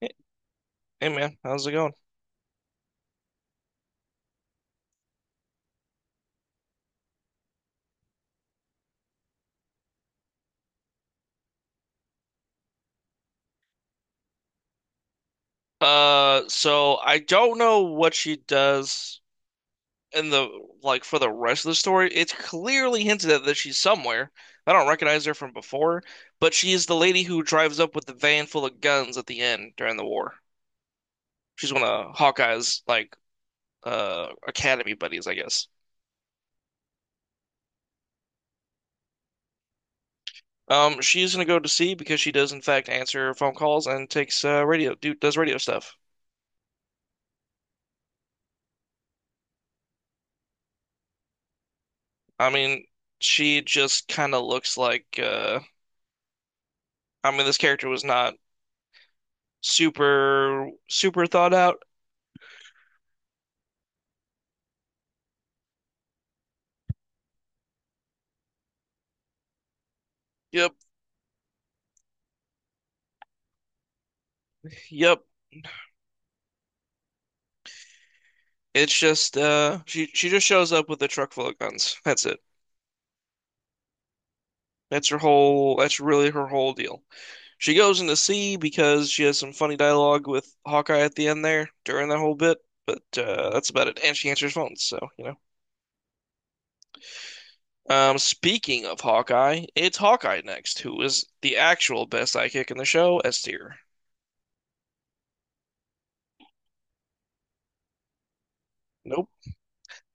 Hey, hey, man, how's it going? So I don't know what she does in the like for the rest of the story. It's clearly hinted at that she's somewhere. I don't recognize her from before, but she is the lady who drives up with the van full of guns at the end during the war. She's one of Hawkeye's like academy buddies, I guess. She's gonna go to sea because she does in fact answer phone calls and takes radio do does radio stuff. I mean, she just kind of looks like. I mean, this character was not super super thought out. Yep, yep. It's just she just shows up with a truck full of guns. That's it. That's really her whole deal. She goes into sea because she has some funny dialogue with Hawkeye at the end there during that whole bit, but that's about it. And she answers phones, so. Speaking of Hawkeye, it's Hawkeye next, who is the actual best sidekick in the show, S tier. Nope.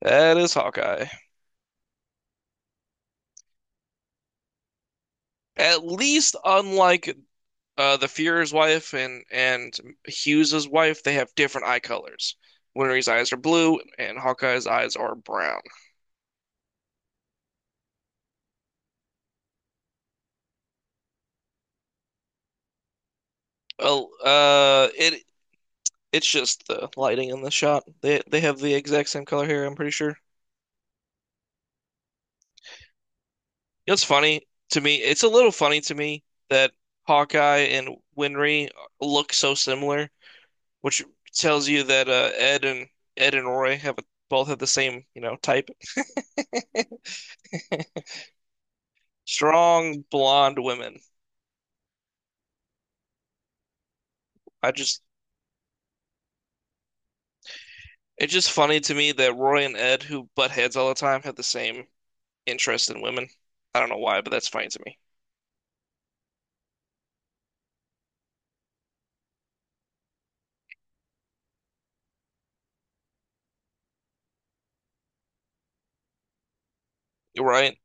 That is Hawkeye. At least unlike the Fuhrer's wife and Hughes's wife, they have different eye colors. Winry's eyes are blue, and Hawkeye's eyes are brown. Well, it's just the lighting in the shot. They have the exact same color hair. I'm pretty sure. It's funny to me. It's a little funny to me that Hawkeye and Winry look so similar, which tells you that Ed and Roy both have the same type. Strong blonde women. I just It's just funny to me that Roy and Ed, who butt heads all the time, have the same interest in women. I don't know why, but that's funny to me. Right?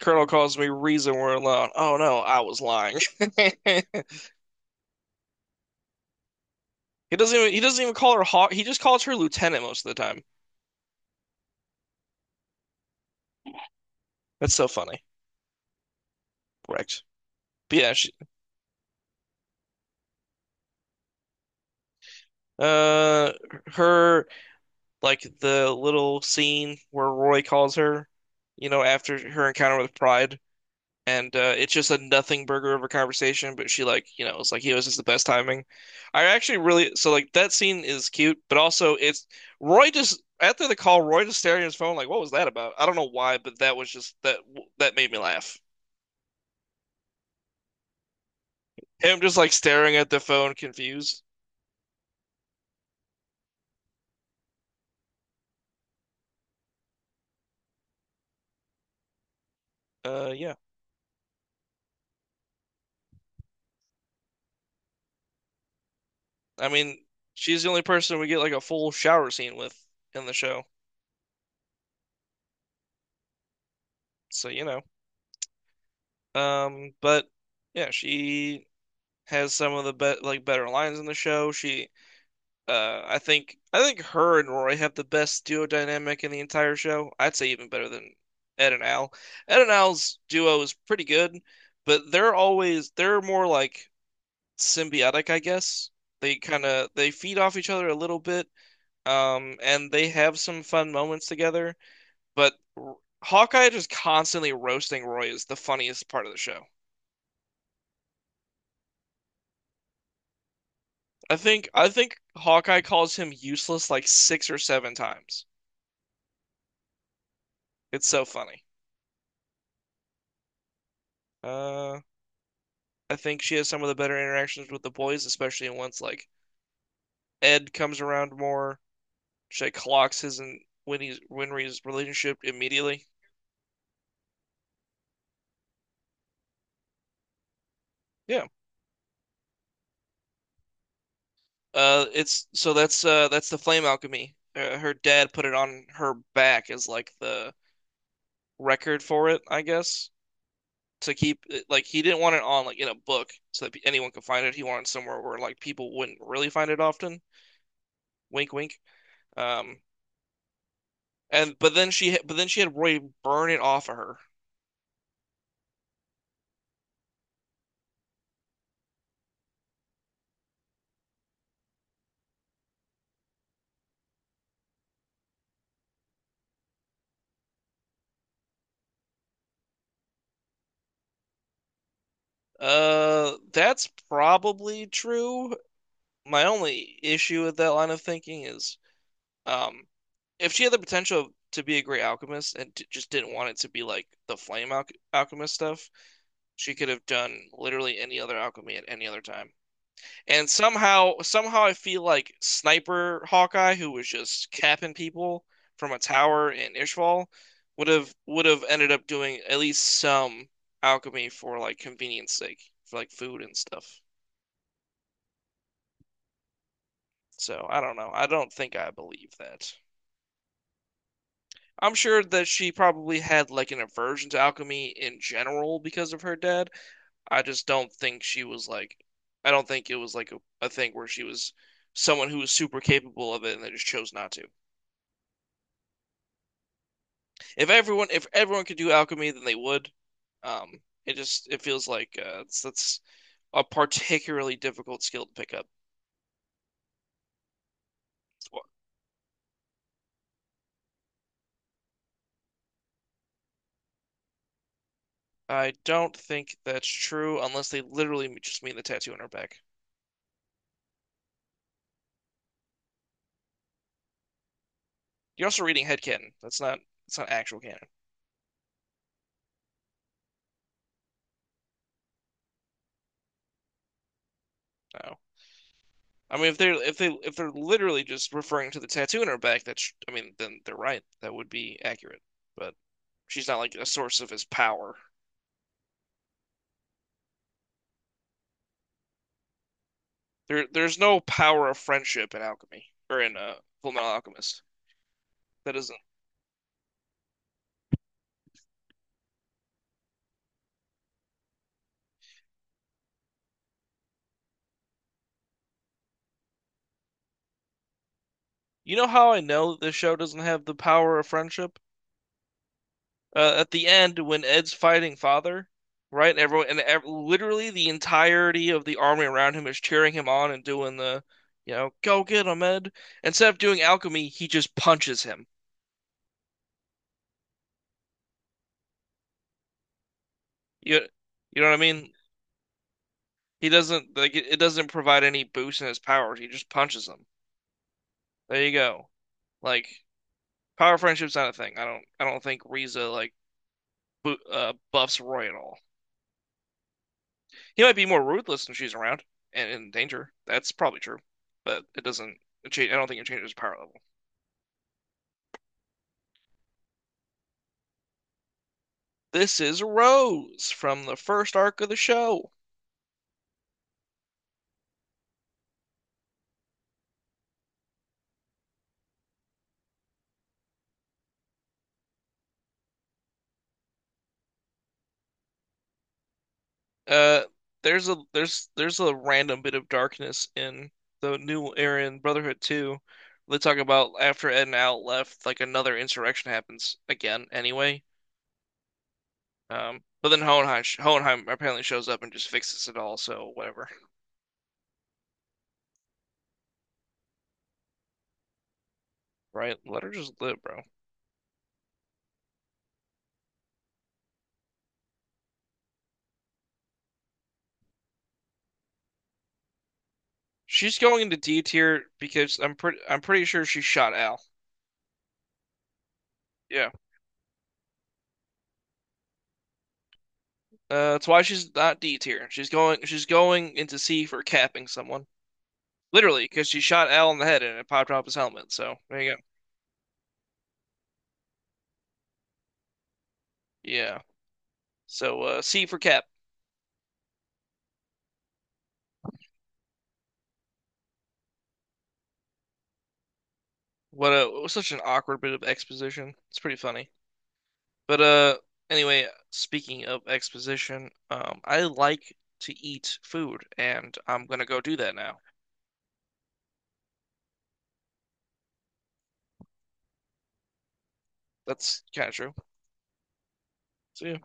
Colonel calls me reason we're alone. Oh no, I was lying. He doesn't even call her Hawk. He just calls her Lieutenant most of the time. That's so funny. Correct. But yeah, she, uh, her like the little scene where Roy calls her, after her encounter with Pride, and it's just a nothing burger of a conversation. But she like it's like he was just the best timing. I actually really so like that scene is cute, but also it's Roy just after the call, Roy just staring at his phone like what was that about? I don't know why, but that was just that made me laugh. Him just like staring at the phone, confused. Yeah. I mean, she's the only person we get like a full shower scene with in the show, so. But yeah, she has some of the be like better lines in the show. She I think her and Roy have the best duo dynamic in the entire show. I'd say even better than Ed and Al. Ed and Al's duo is pretty good, but they're more like symbiotic, I guess. They kind of they feed off each other a little bit, and they have some fun moments together. But Hawkeye just constantly roasting Roy is the funniest part of the show. I think Hawkeye calls him useless like six or seven times. It's so funny. Uh, I think she has some of the better interactions with the boys, especially once like Ed comes around more. She like, clocks his and Winnie's Winry's relationship immediately. Yeah. It's so that's the flame alchemy. Her dad put it on her back as like the record for it, I guess, to keep like he didn't want it on like in a book so that anyone could find it. He wanted somewhere where like people wouldn't really find it often. Wink, wink. Um, and but then she had Roy burn it off of her. That's probably true. My only issue with that line of thinking is, um, if she had the potential to be a great alchemist and t just didn't want it to be like the flame alchemist stuff, she could have done literally any other alchemy at any other time. And somehow, I feel like Sniper Hawkeye, who was just capping people from a tower in Ishval, would have ended up doing at least some alchemy for like convenience sake, for like food and stuff. So I don't know. I don't think I believe that. I'm sure that she probably had like an aversion to alchemy in general because of her dad. I just don't think she was like, I don't think it was like a thing where she was someone who was super capable of it and they just chose not to. If everyone could do alchemy, then they would. Um, it feels like that's a particularly difficult skill to pick up. I don't think that's true unless they literally just mean the tattoo on her back. You're also reading head canon. That's not It's not actual canon. No. I mean, if they're if they if they're literally just referring to the tattoo in her back, that's I mean, then they're right. That would be accurate. But she's not like a source of his power. There's no power of friendship in alchemy or in Full Metal Alchemist. That isn't. You know how I know this show doesn't have the power of friendship? At the end when Ed's fighting father, right? everyone and ev Literally the entirety of the army around him is cheering him on and doing the, go get him, Ed. Instead of doing alchemy, he just punches him. You, you know what I mean? He doesn't like it. It doesn't provide any boost in his powers. He just punches him. There you go. Like power friendship's not a thing. I don't think Riza like bo buffs Roy at all. He might be more ruthless when she's around and in danger. That's probably true, but it doesn't change. I don't think it changes power level. This is Rose from the first arc of the show. Uh, there's a random bit of darkness in the new era in Brotherhood 2. They talk about after Ed and Al left, like another insurrection happens again anyway. But then Hohenheim apparently shows up and just fixes it all, so whatever. Right? Let her just live, bro. She's going into D tier because I'm pretty sure she shot Al. Yeah. That's why she's not D tier. She's going into C for capping someone. Literally, because she shot Al in the head and it popped off his helmet. So there you go. Yeah. So C for cap. What a it was such an awkward bit of exposition. It's pretty funny. But anyway, speaking of exposition, I like to eat food and I'm gonna go do that now. That's kind of true. So yeah.